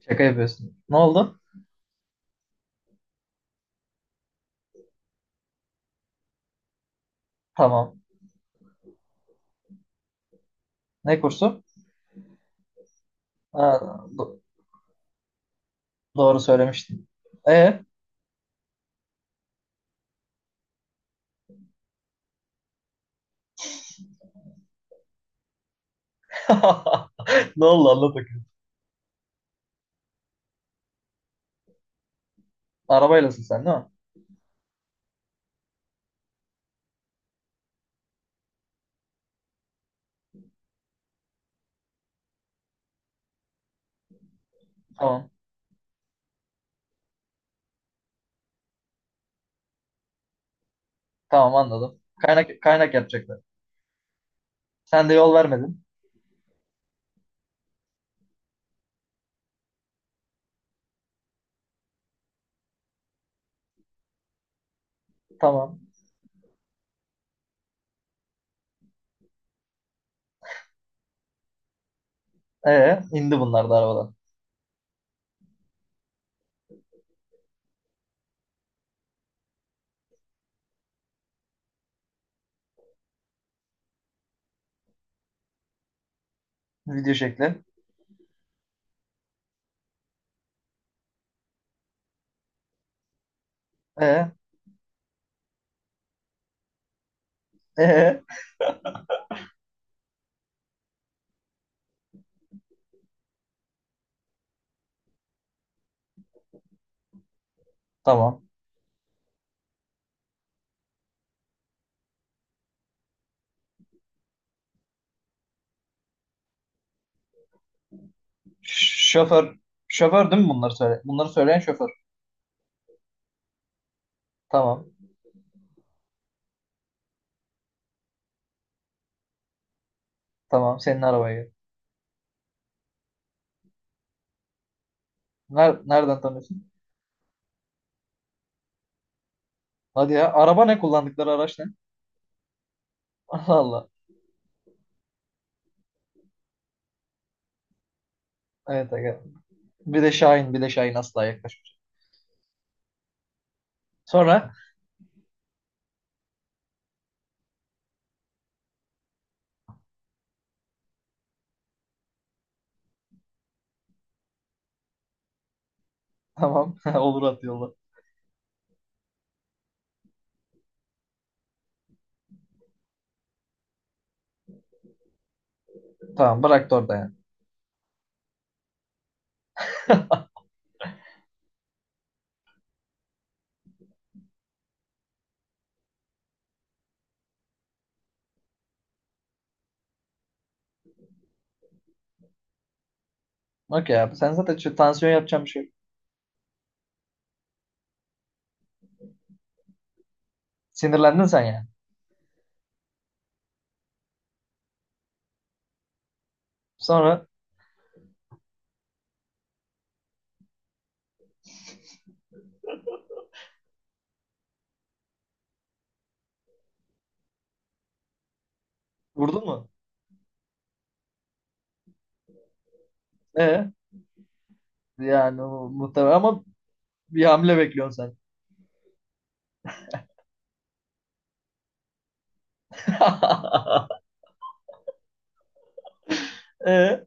Şaka yapıyorsun. Ne oldu? Tamam. Ne kursu? Ha, do- doğru söylemiştin. E Ne oldu anlat bakayım. Arabaylasın sen değil mi? Tamam. Tamam anladım. Kaynak yapacaklar. Sen de yol vermedin. Tamam. E indi bunlar da arabadan. Video şekli. E e tamam. Şoför şoför değil mi bunları söyle? Bunları söyleyen şoför. Tamam. Tamam senin arabayı. Nereden tanıyorsun? Hadi ya araba ne kullandıkları araç ne? Allah Allah. Evet aga. Bir de Şahin, bir de Şahin asla yaklaşmış. Sonra tamam olur at yolla. Tamam bıraktı orada yani. Okey abi sen zaten şu tansiyon yapacağım bir şey. Sinirlendin sen yani. Sonra vurdu mu? E yani o muhtemelen ama bir hamle bekliyorsun sen. E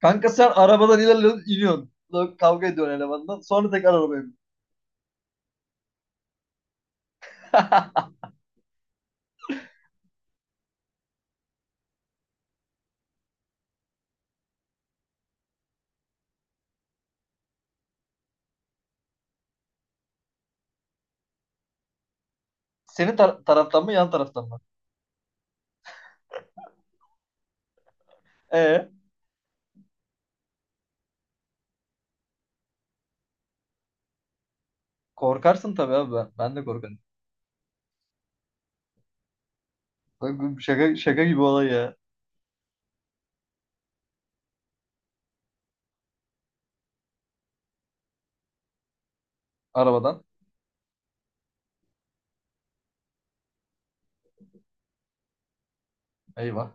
kanka sen arabadan ilerliyorsun, iniyorsun. Kavga ediyorsun elemandan. Sonra tekrar arabaya bin. Senin taraftan mı yan taraftan mı? E korkarsın tabii abi ben. Ben de korkarım. Şaka, şaka gibi olay ya arabadan. Eyvah.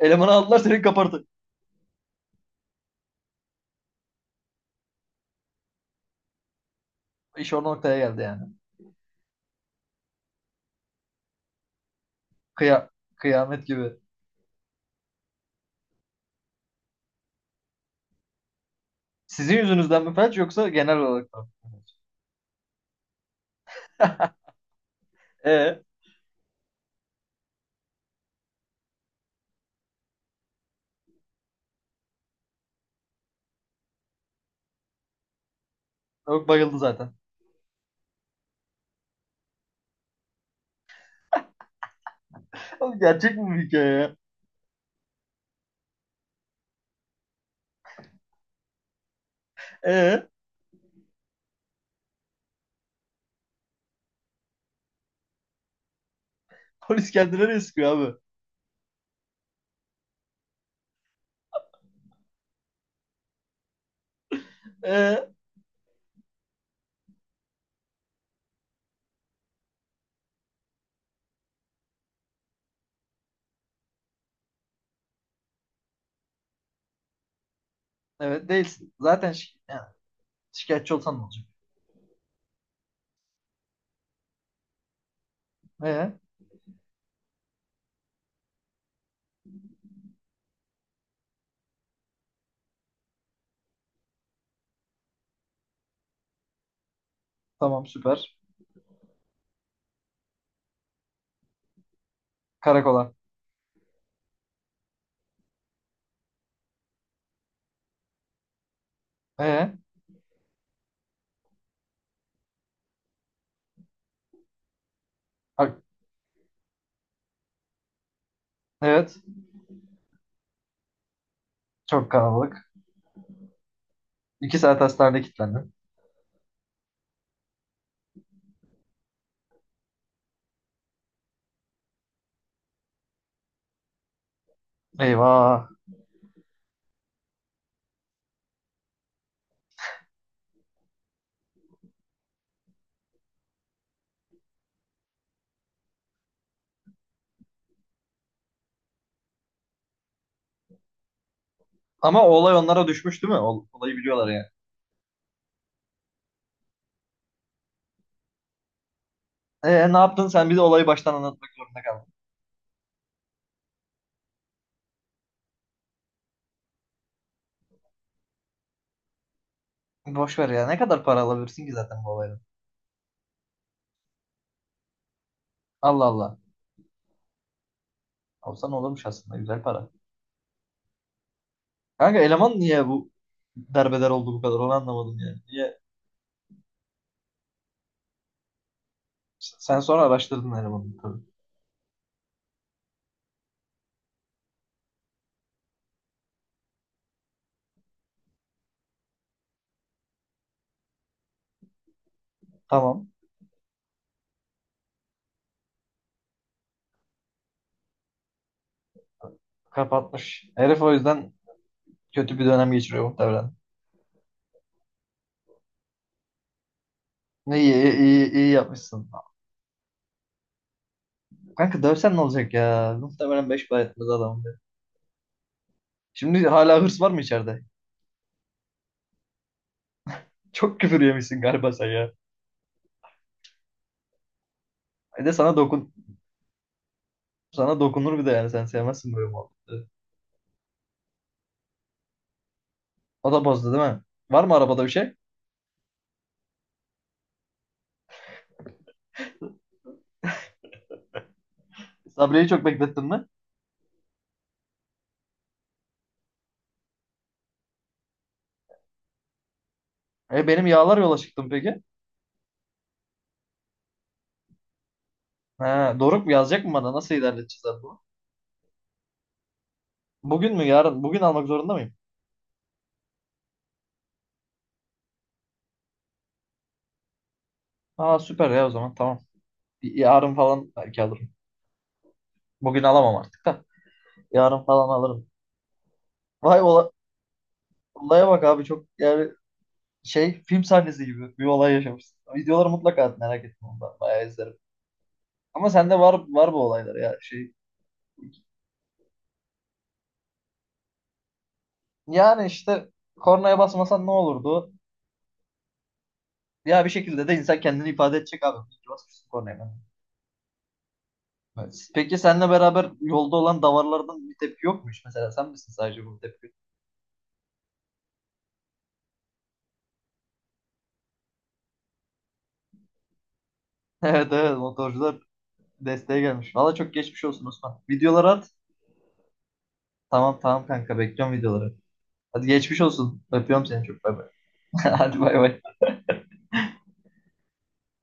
Elemanı aldılar seni kapartı. İş o noktaya geldi yani. Kıya kıyamet gibi. Sizin yüzünüzden mi felç yoksa genel olarak mı? E yok bayıldı zaten. Oğlum gerçek mi bu hikaye ya? E polis geldi nereye sıkıyor abi? E evet değilsin. Zaten yani şikayetçi olsan ne olacak? E tamam süper. Karakola. E ha- evet çok kalabalık. İki saat hastanede kilitlendim. Eyvah. Ama o olay onlara düşmüş değil mi? Olayı biliyorlar yani. E ne yaptın sen bize olayı baştan anlatmak zorunda kaldın. Boş ver ya. Ne kadar para alabilirsin ki zaten bu olaydan? Allah Allah. Alsan olurmuş aslında. Güzel para. Kanka eleman niye bu derbeder oldu bu kadar? Onu anlamadım yani. Niye? Sen sonra araştırdın elemanı tabii. Tamam. Kapatmış. Herif o yüzden kötü bir dönem geçiriyor muhtemelen. Ne iyi, iyi, iyi, iyi yapmışsın. Kanka dövsen ne olacak ya? Muhtemelen beş para etmez adam. Şimdi hala hırs var mı içeride? Çok küfür yemişsin galiba sen ya. Bir de sana dokun sana dokunur bir de yani sen sevmezsin böyle muhabbeti. O da bozdu değil mi? Var mı arabada bir şey? Sabri'yi çok beklettin mi? E benim yağlar yola çıktım peki. Ha, Doruk mu yazacak mı bana? Nasıl ilerleteceğiz abi bunu? Bugün mü yarın? Bugün almak zorunda mıyım? Aa süper ya o zaman tamam. Yarın falan belki alırım. Bugün alamam artık da. Yarın falan alırım. Vay ola- olaya bak abi çok yani şey film sahnesi gibi bir olay yaşamışsın. Videoları mutlaka at merak etme ondan. Bayağı izlerim. Ama sende var var bu olaylar ya şey. Yani işte kornaya basmasan ne olurdu? Ya bir şekilde de insan kendini ifade edecek abi. İyi ki Basmışsın kornaya. Evet. Peki seninle beraber yolda olan davarlardan bir tepki yokmuş. Mesela sen misin sadece bu tepki? Evet evet motorcular desteğe gelmiş. Valla çok geçmiş olsun Osman. Videoları at. Tamam tamam kanka bekliyorum videoları. Hadi geçmiş olsun. Öpüyorum seni çok bay bay. Hadi bay bay.